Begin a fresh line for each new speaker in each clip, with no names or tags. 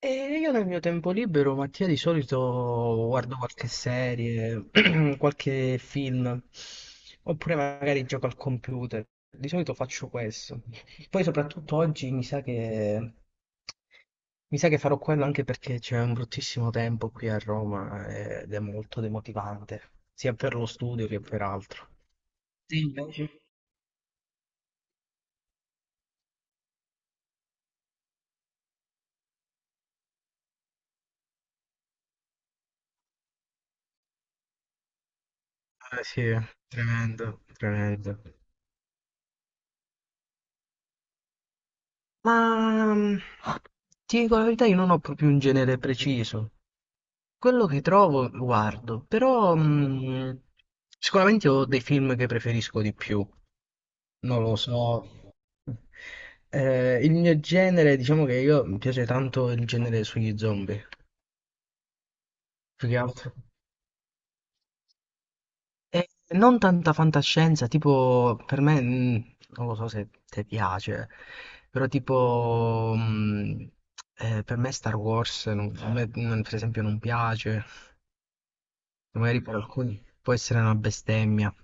E io nel mio tempo libero, Mattia, di solito guardo qualche serie, qualche film, oppure magari gioco al computer. Di solito faccio questo. Poi soprattutto oggi mi sa che farò quello anche perché c'è un bruttissimo tempo qui a Roma ed è molto demotivante, sia per lo studio che per altro. Sì, invece? Eh sì, tremendo, tremendo. Ma, ti dico la verità, io non ho proprio un genere preciso. Quello che trovo lo guardo, però, sicuramente ho dei film che preferisco di più, non lo so. Il mio genere, diciamo che io mi piace tanto il genere sugli zombie, più che altro. Eh, Non tanta fantascienza, tipo per me, non lo so se ti piace, però tipo per me Star Wars, a me, per esempio, non piace, magari per alcuni può essere una bestemmia.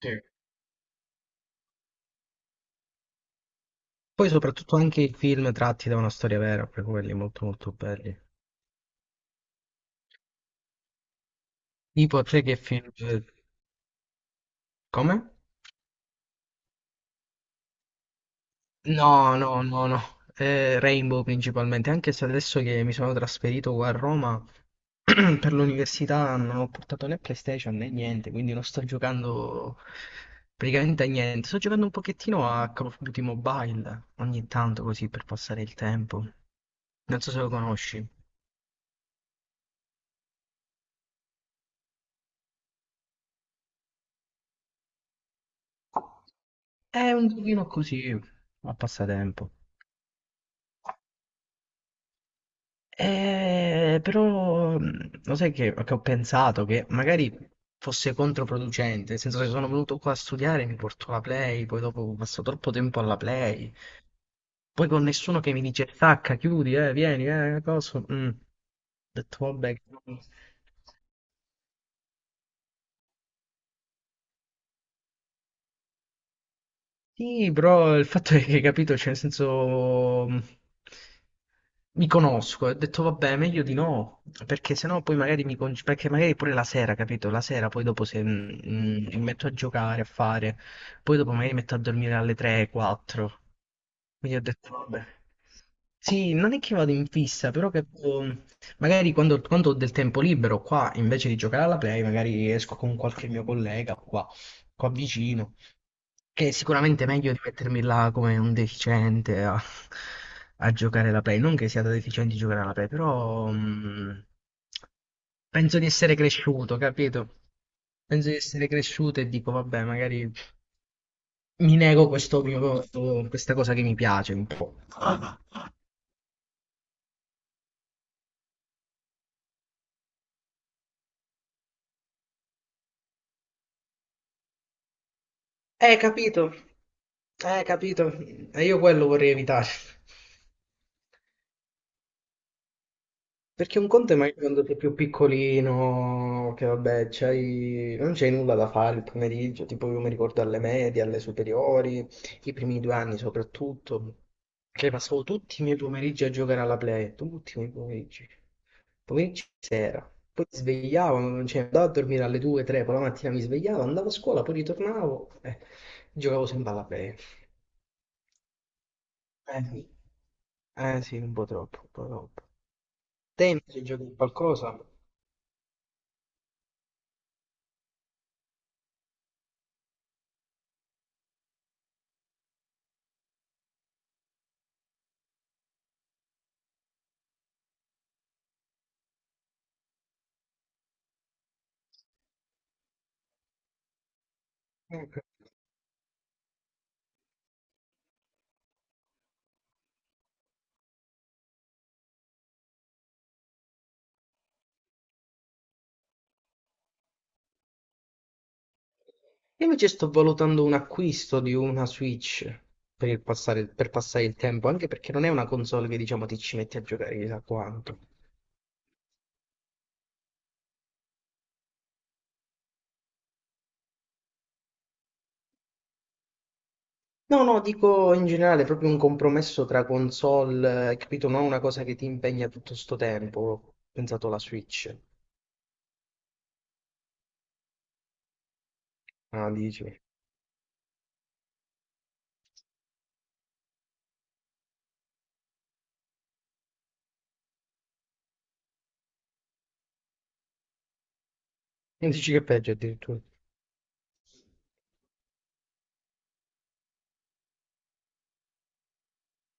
Sì. Poi soprattutto anche i film tratti da una storia vera, per quelli molto molto belli. Tipo, a te che film? Come? No, no, no, no. Rainbow principalmente, anche se adesso che mi sono trasferito qua a Roma per l'università non ho portato né PlayStation né niente, quindi non sto giocando praticamente a niente. Sto giocando un pochettino a Call of Duty Mobile ogni tanto così per passare il tempo. Non so se lo conosci. È un giochino così, a passatempo. Però lo sai che ho pensato che magari fosse controproducente, nel senso che sono venuto qua a studiare, mi porto la Play, poi dopo passo troppo tempo alla Play, poi con nessuno che mi dice stacca, chiudi, vieni, cosa. Mm. Ho detto vabbè. Sì, però il fatto è che, capito, cioè, nel senso, mi conosco, e ho detto, vabbè, meglio di no, perché sennò poi magari perché magari pure la sera, capito, la sera poi dopo se mi metto a giocare, a fare, poi dopo magari mi metto a dormire alle 3, 4, quindi ho detto, vabbè. Sì, non è che vado in fissa, però che, magari quando ho del tempo libero qua, invece di giocare alla play, magari esco con qualche mio collega qua vicino. Che è sicuramente meglio di mettermi là come un deficiente a giocare alla Play. Non che sia da deficienti giocare alla Play, però penso di essere cresciuto, capito? Penso di essere cresciuto e dico, vabbè, magari mi nego questo mio, questa cosa che mi piace un po'. Capito. Capito. E io quello vorrei evitare. Perché un conto è magari quando sei più piccolino, che vabbè, non c'hai nulla da fare il pomeriggio, tipo io mi ricordo alle medie, alle superiori, i primi 2 anni soprattutto, che passavo tutti i miei pomeriggi a giocare alla Play, tutti i miei pomeriggi, pomeriggi di sera, poi mi svegliavo, cioè andavo a dormire alle 2, 3, poi la mattina mi svegliavo, andavo a scuola, poi ritornavo, e giocavo sempre alla Play. Eh sì, eh sì, un po' troppo, un po' troppo. Te invece giochi a qualcosa? Eh, Io invece sto valutando un acquisto di una Switch per passare il tempo, anche perché non è una console che diciamo ti ci metti a giocare chissà quanto. No, no, dico in generale, proprio un compromesso tra console, capito? Non una cosa che ti impegna tutto sto tempo. Ho pensato alla Switch. Ah, dici. E dici che è peggio addirittura.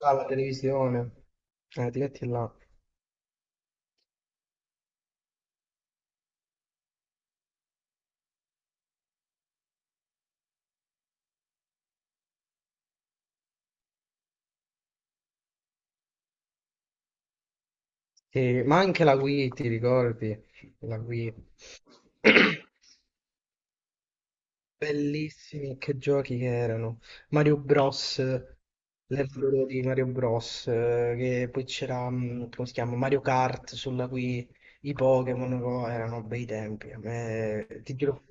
Ah, la televisione. Ti metti là. Sì, ma anche la Wii, ti ricordi? La Wii. Bellissimi, che giochi che erano. Mario Bros, l'euro di Mario Bros, che poi c'era, come si chiama, Mario Kart sulla Wii, i Pokémon, oh, erano bei tempi. A me, ti giuro,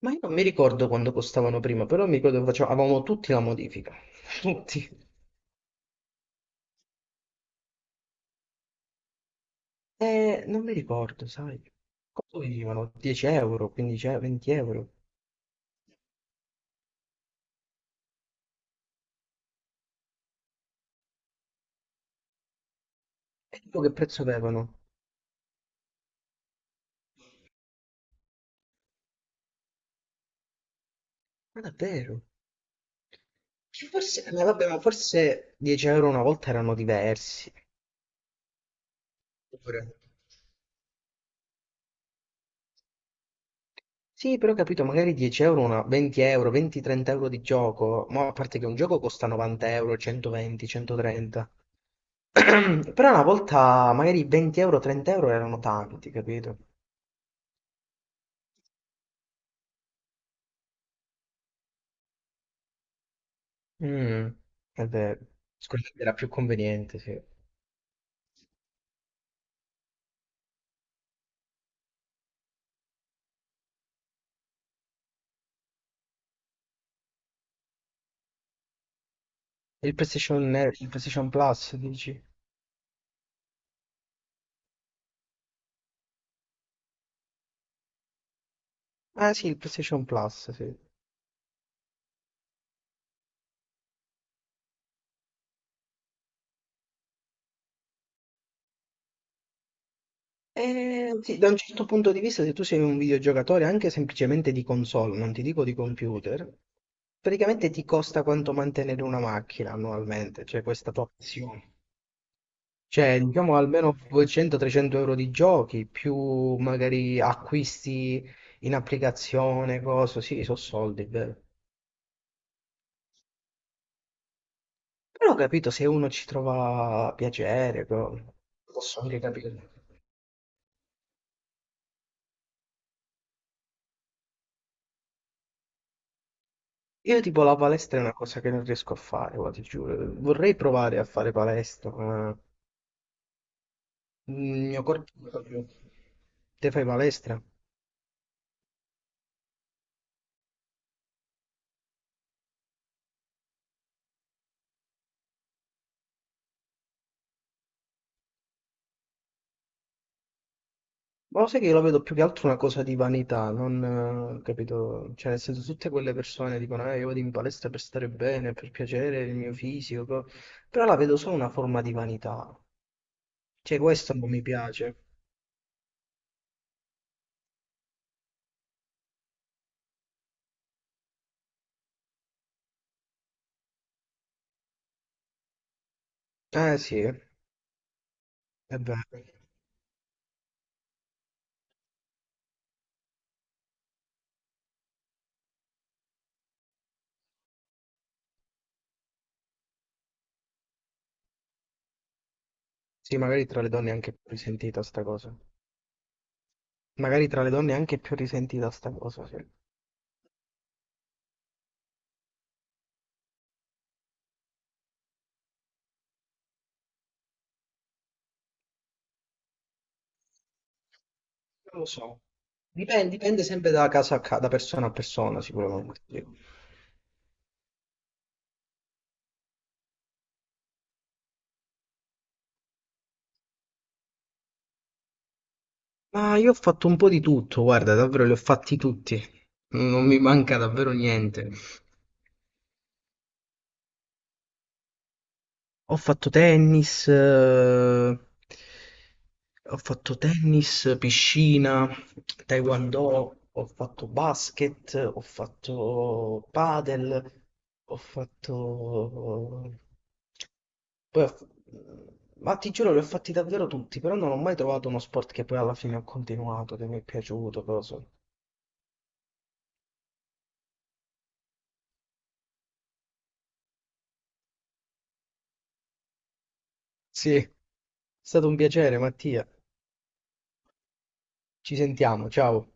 ma io non mi ricordo quando costavano prima, però mi ricordo che avevamo tutti la modifica, tutti. E non mi ricordo, sai, quanto venivano? 10 euro, 15 euro, 20 euro. E dico che prezzo avevano? Ma davvero? Che forse, ma vabbè, ma forse 10 euro una volta erano diversi. Oppure- Sì, però ho capito, magari 10 euro, una, 20 euro, 20-30 euro di gioco. Ma a parte che un gioco costa 90 euro, 120, 130. Però una volta magari 20 euro, 30 euro erano tanti, capito? Mm, è vero. Sicuramente era più conveniente, sì. Il PlayStation Plus, dici? Ah sì, il PlayStation Plus, sì. Sì, da un certo punto di vista, se tu sei un videogiocatore anche semplicemente di console, non ti dico di computer, praticamente ti costa quanto mantenere una macchina annualmente, cioè questa tua passione. Cioè, diciamo almeno 200-300 euro di giochi, più magari acquisti in applicazione, cose, sì, sono soldi, è vero. Però ho capito, se uno ci trova piacere, posso anche capire. Io tipo la palestra è una cosa che non riesco a fare, guarda, ti giuro. Vorrei provare a fare palestra, ma il mio corpo non fa più. Te fai palestra? Ma lo sai che io la vedo più che altro una cosa di vanità, non capito? Cioè, nel senso, tutte quelle persone dicono, io vado in palestra per stare bene, per piacere il mio fisico, co-". però la vedo solo una forma di vanità. Cioè, questo non mi piace. Eh sì, è vero. Sì, magari tra le donne è anche più risentita sta cosa. Magari tra le donne è anche più risentita sta cosa, sì. Non lo so, dipende, dipende sempre da casa a casa, da persona a persona sicuramente. Sì. Ma io ho fatto un po' di tutto, guarda, davvero li ho fatti tutti. Non mi manca davvero niente. Ho fatto tennis, eh, ho fatto tennis, piscina, taekwondo, ho fatto basket, ho fatto padel, ho fatto... Poi ho f- Ma ti giuro, li ho fatti davvero tutti, però non ho mai trovato uno sport che poi alla fine ho continuato, che mi è piaciuto, cosa. Sì, è stato un piacere, Mattia. Ci sentiamo, ciao.